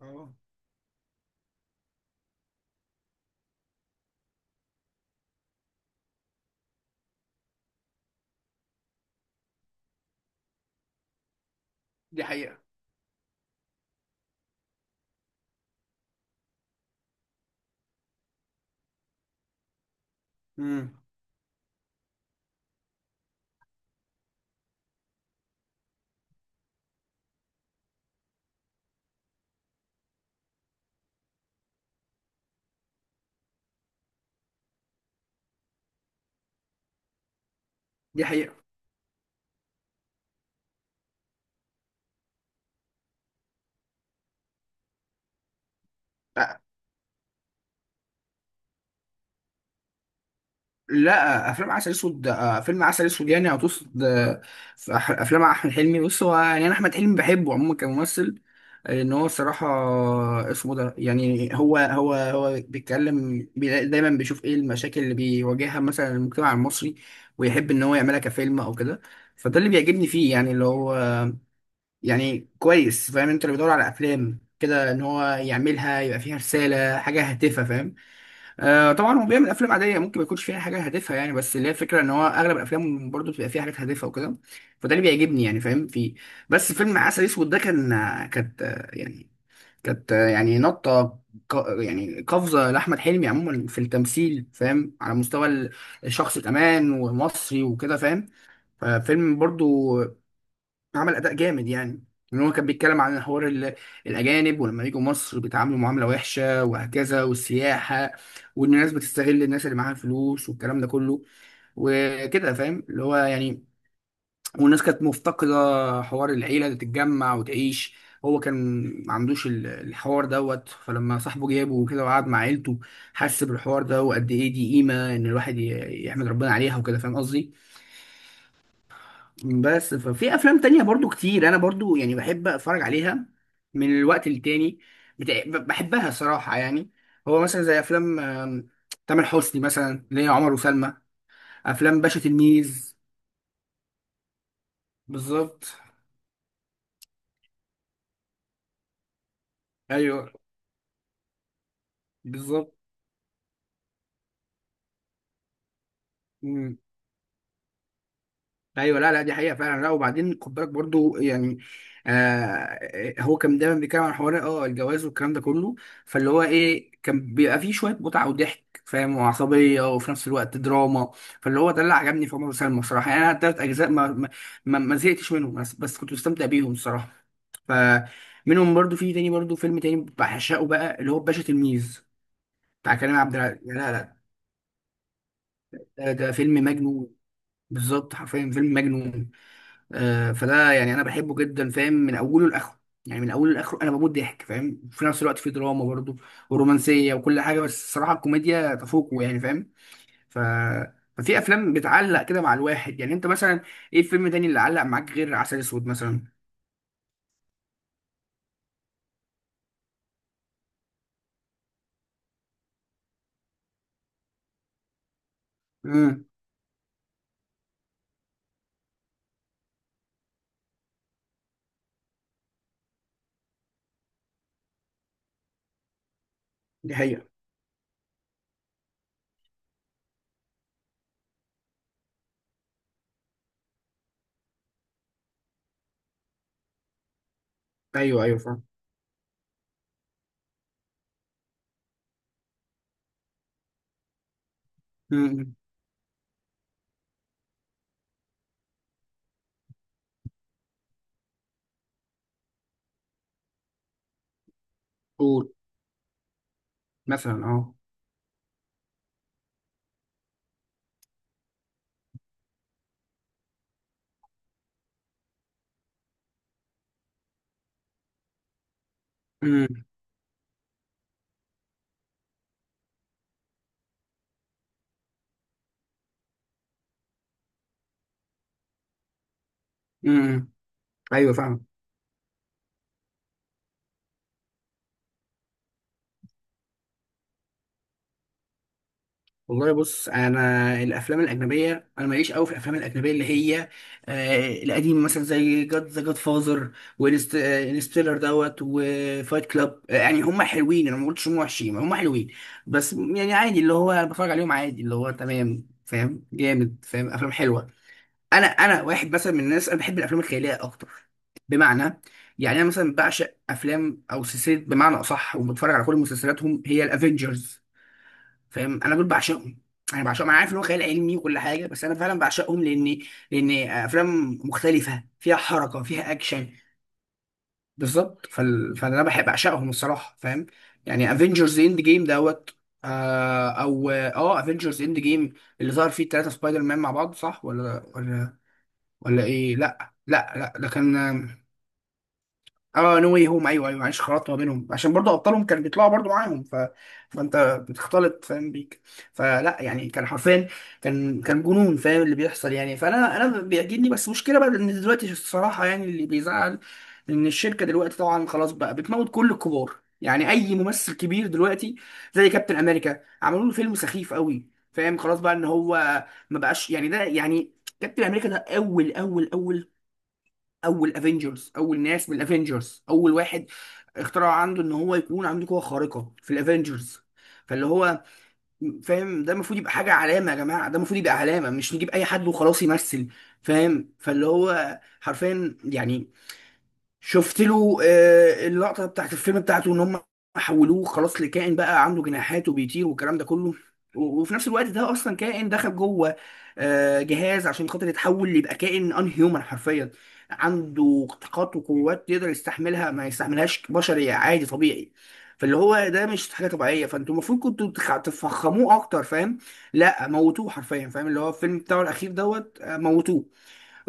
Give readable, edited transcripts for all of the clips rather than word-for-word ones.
اه. دي حقيقة. امم دي حقيقة. أ- لا، افلام عسل اسود، فيلم عسل اسود يعني هتقصد. في افلام احمد حلمي. بص، هو يعني انا احمد حلمي بحبه عموما كممثل، لان هو الصراحة اسمه ده. يعني هو بيتكلم، دايما بيشوف ايه المشاكل اللي بيواجهها مثلا المجتمع المصري، ويحب ان هو يعملها كفيلم او كده. فده اللي بيعجبني فيه، يعني اللي هو يعني كويس، فاهم؟ انت اللي بيدور على افلام كده ان هو يعملها يبقى فيها رسالة، حاجة هادفة، فاهم؟ آه طبعا هو بيعمل افلام عاديه ممكن ما يكونش فيها حاجه هادفه، يعني بس اللي هي الفكره ان هو اغلب الافلام برضو بتبقى فيها حاجات هادفه وكده. فده اللي بيعجبني، يعني فاهم في. بس فيلم عسل اسود ده كان، كانت كانت، نطه، يعني قفزه لاحمد حلمي عموما في التمثيل، فاهم؟ على مستوى الشخص كمان، ومصري وكده، فاهم؟ ففيلم برضو عمل اداء جامد يعني. ان هو كان بيتكلم عن حوار الاجانب ولما يجوا مصر بيتعاملوا معامله وحشه وهكذا، والسياحه، وان الناس بتستغل الناس اللي معاها فلوس والكلام ده كله، وكده، فاهم؟ اللي هو يعني والناس كانت مفتقده حوار العيله اللي تتجمع وتعيش. هو كان ما عندوش الحوار دوت. فلما صاحبه جابه وكده وقعد مع عيلته، حس بالحوار ده وقد ايه دي قيمه ان الواحد يحمد ربنا عليها وكده، فاهم قصدي؟ بس ففي افلام تانية برضو كتير انا برضو يعني بحب اتفرج عليها من الوقت للتاني، بحبها صراحة يعني. هو مثلا زي افلام تامر حسني مثلا اللي هي عمر وسلمى، افلام باشا تلميذ. بالظبط. ايوه. بالظبط. إمم. ايوه، لا لا، دي حقيقه فعلا. لا، وبعدين خد بالك برضو يعني، هو كان دايما بيتكلم عن حوار الجواز والكلام ده كله. فاللي هو ايه، كان بيبقى فيه شويه متعه وضحك، فاهم؟ وعصبيه، وفي نفس الوقت دراما. فاللي هو ده اللي عجبني في عمر وسلمى الصراحه. يعني انا التلات اجزاء ما زهقتش منهم، بس كنت مستمتع بيهم الصراحه. فمنهم برضو في تاني، برضو فيلم تاني بعشقه بقى اللي هو باشا تلميذ، بتاع كريم عبد العزيز. لا لا، ده فيلم مجنون. بالظبط، حرفيا فيلم مجنون. فده يعني انا بحبه جدا، فاهم؟ من اوله لاخره. يعني من اوله لاخره انا بموت ضحك، فاهم؟ وفي نفس الوقت في دراما برضه ورومانسيه وكل حاجه، بس الصراحه الكوميديا تفوقه يعني، فاهم؟ ف ففي افلام بتعلق كده مع الواحد. يعني انت مثلا ايه الفيلم تاني اللي علق معاك غير عسل اسود مثلا؟ امم دي حقيقه. ايوه ايوه فاهم. امم قول، مثلا اه. امم امم ايوه فاهم. والله بص، انا الافلام الاجنبيه، انا ماليش قوي في الافلام الاجنبيه اللي هي القديمه، مثلا زي جاد ذا جاد فازر، وانستيلر دوت، وفايت كلاب. آه يعني هم حلوين، انا ما قلتش هم وحشين، هم حلوين، بس يعني عادي. اللي هو انا بتفرج عليهم عادي، اللي هو تمام، فاهم؟ جامد، فاهم؟ افلام حلوه. انا واحد مثلا من الناس، انا بحب الافلام الخياليه اكتر. بمعنى، يعني انا مثلا بعشق افلام او سلسله بمعنى اصح، وبتفرج على كل مسلسلاتهم، هي الافينجرز، فاهم؟ انا دول بعشقهم. انا بعشقهم، انا عارف ان هو خيال علمي وكل حاجه، بس انا فعلا بعشقهم، لان افلام مختلفه، فيها حركه، فيها اكشن. بالظبط. فال... فانا بحب اعشقهم الصراحه، فاهم؟ يعني افنجرز اند جيم دوت، آه، او اه افنجرز اند جيم، اللي ظهر فيه الثلاثه سبايدر مان مع بعض، صح ولا ولا، ولا ايه؟ لا لا لا، ده كان، اه، نو واي هوم. ايوه ايوه، معلش، خلطت ما بينهم عشان برضو ابطالهم كانوا بيطلعوا برضو معاهم، ف... فانت بتختلط، فاهم بيك؟ فلا يعني، كان حرفيا، كان جنون، فاهم اللي بيحصل يعني؟ فانا بيعجبني، بس مشكله بقى ان دلوقتي الصراحه يعني اللي بيزعل، ان الشركه دلوقتي طبعا خلاص بقى بتموت كل الكبار، يعني اي ممثل كبير دلوقتي، زي كابتن امريكا عملوا له فيلم سخيف قوي، فاهم؟ خلاص بقى ان هو ما بقاش، يعني ده يعني كابتن امريكا ده اول اول اول اول افنجرز، اول ناس من الافنجرز، اول واحد اخترعوا عنده ان هو يكون عنده قوه خارقه في الافنجرز، فاللي هو، فاهم؟ ده المفروض يبقى حاجه علامه يا جماعه، ده المفروض يبقى علامه، مش نجيب اي حد وخلاص يمثل، فاهم؟ فاللي هو حرفيا يعني، شفت له اللقطه بتاعت الفيلم بتاعته، ان هم حولوه خلاص لكائن بقى عنده جناحات وبيطير والكلام ده كله. وفي نفس الوقت ده اصلا كائن دخل جوه جهاز عشان خاطر يتحول ليبقى كائن ان هيومن حرفيا، عنده طاقات وقوات يقدر يستحملها، ما يستحملهاش بشري عادي طبيعي. فاللي هو ده مش حاجه طبيعيه، فانتوا المفروض كنتوا تفخموه اكتر، فاهم؟ لا، موتوه حرفيا، فاهم؟ اللي هو الفيلم بتاعه الاخير دوت، موتوه.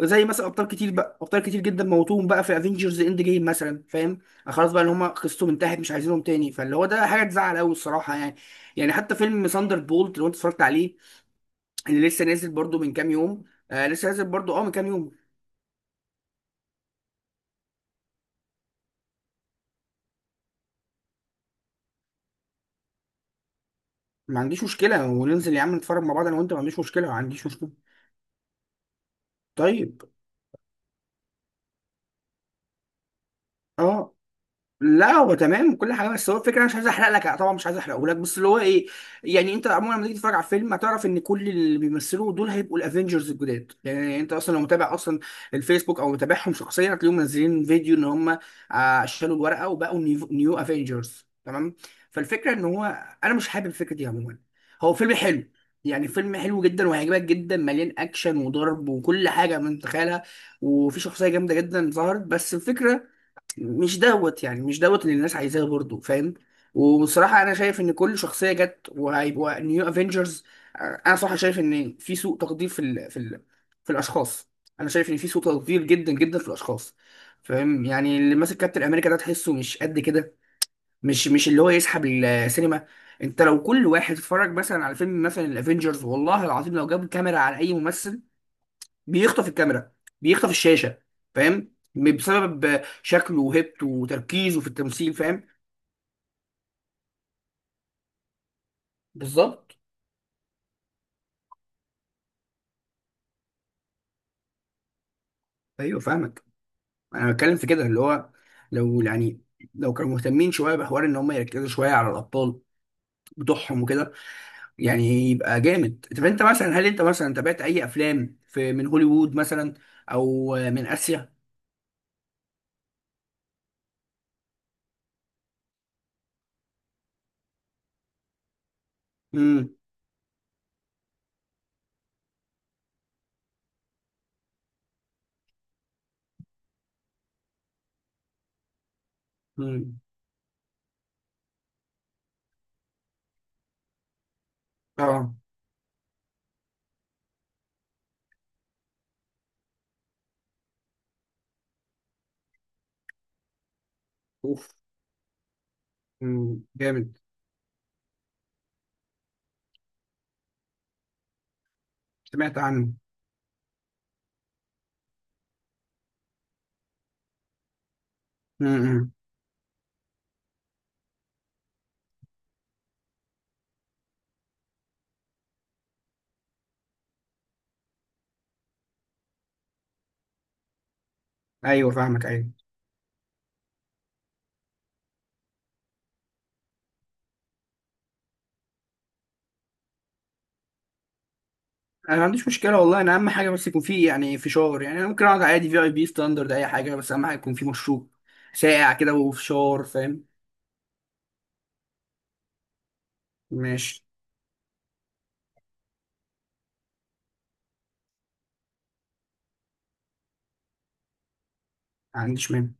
زي مثلا ابطال كتير بقى، ابطال كتير جدا موتوهم بقى في افنجرز اند جيم مثلا، فاهم؟ خلاص بقى اللي هم قصتهم انتهت، مش عايزينهم تاني. فاللي هو ده حاجه تزعل قوي الصراحه يعني. يعني حتى فيلم ساندر بولت، لو انت اتفرجت عليه، اللي لسه نازل برضو من كام يوم. آه لسه نازل برضو اه من كام يوم. ما عنديش مشكله، وننزل يا عم نتفرج مع بعض انا وانت، ما عنديش مشكله، ما عنديش مشكله. طيب. اه. لا، هو تمام كل حاجه، بس هو الفكره، انا مش عايز احرق لك طبعا، مش عايز احرقه لك، بس اللي هو ايه، يعني انت عموما لما تيجي تتفرج على الفيلم هتعرف ان كل اللي بيمثلوا دول هيبقوا الافنجرز الجداد. يعني انت اصلا لو متابع اصلا الفيسبوك او متابعهم شخصيا، هتلاقيهم منزلين فيديو ان هم شالوا الورقه وبقوا نيو افنجرز، تمام؟ فالفكره ان هو، انا مش حابب الفكره دي عموما. هو فيلم حلو، يعني فيلم حلو جدا وهيعجبك جدا، مليان اكشن وضرب وكل حاجه من تخيلها، وفي شخصيه جامده جدا ظهرت، بس الفكره مش دوت، يعني مش دوت اللي الناس عايزاه برضه، فاهم؟ وبصراحة أنا شايف إن كل شخصية جت، وهيبقوا نيو أفينجرز. أنا صراحة شايف إن في سوء تقدير في ال في ال في الأشخاص. أنا شايف إن في سوء تقدير جدا جدا في الأشخاص، فاهم؟ يعني اللي ماسك كابتن أمريكا ده تحسه مش قد كده، مش اللي هو يسحب السينما. أنت لو كل واحد اتفرج مثلا على فيلم مثلا الأفينجرز، والله العظيم لو جاب كاميرا على أي ممثل، بيخطف الكاميرا، بيخطف الشاشه، فاهم؟ بسبب شكله وهيبته وتركيزه في التمثيل، فاهم؟ بالظبط. ايوه فاهمك. انا بتكلم في كده اللي هو، لو يعني لو كانوا مهتمين شويه بحوار ان هم يركزوا شويه على الابطال بتوعهم وكده، يعني يبقى جامد. طب انت مثلا، هل انت مثلا تابعت اي افلام في من هوليوود مثلا او من اسيا؟ امم امم اه. اوف. مم. جامد، سمعت عنه. امم ايوه فاهمك، ايوه. انا ما عنديش مشكله والله، انا اهم حاجه بس يكون فيه يعني فشار. يعني انا ممكن اقعد عادي في اي بي ستاندرد، اي حاجه، بس اهم حاجه يكون فيه مشروب ساقع كده وفشار، فاهم؟ ماشي، ما عنديش مانع.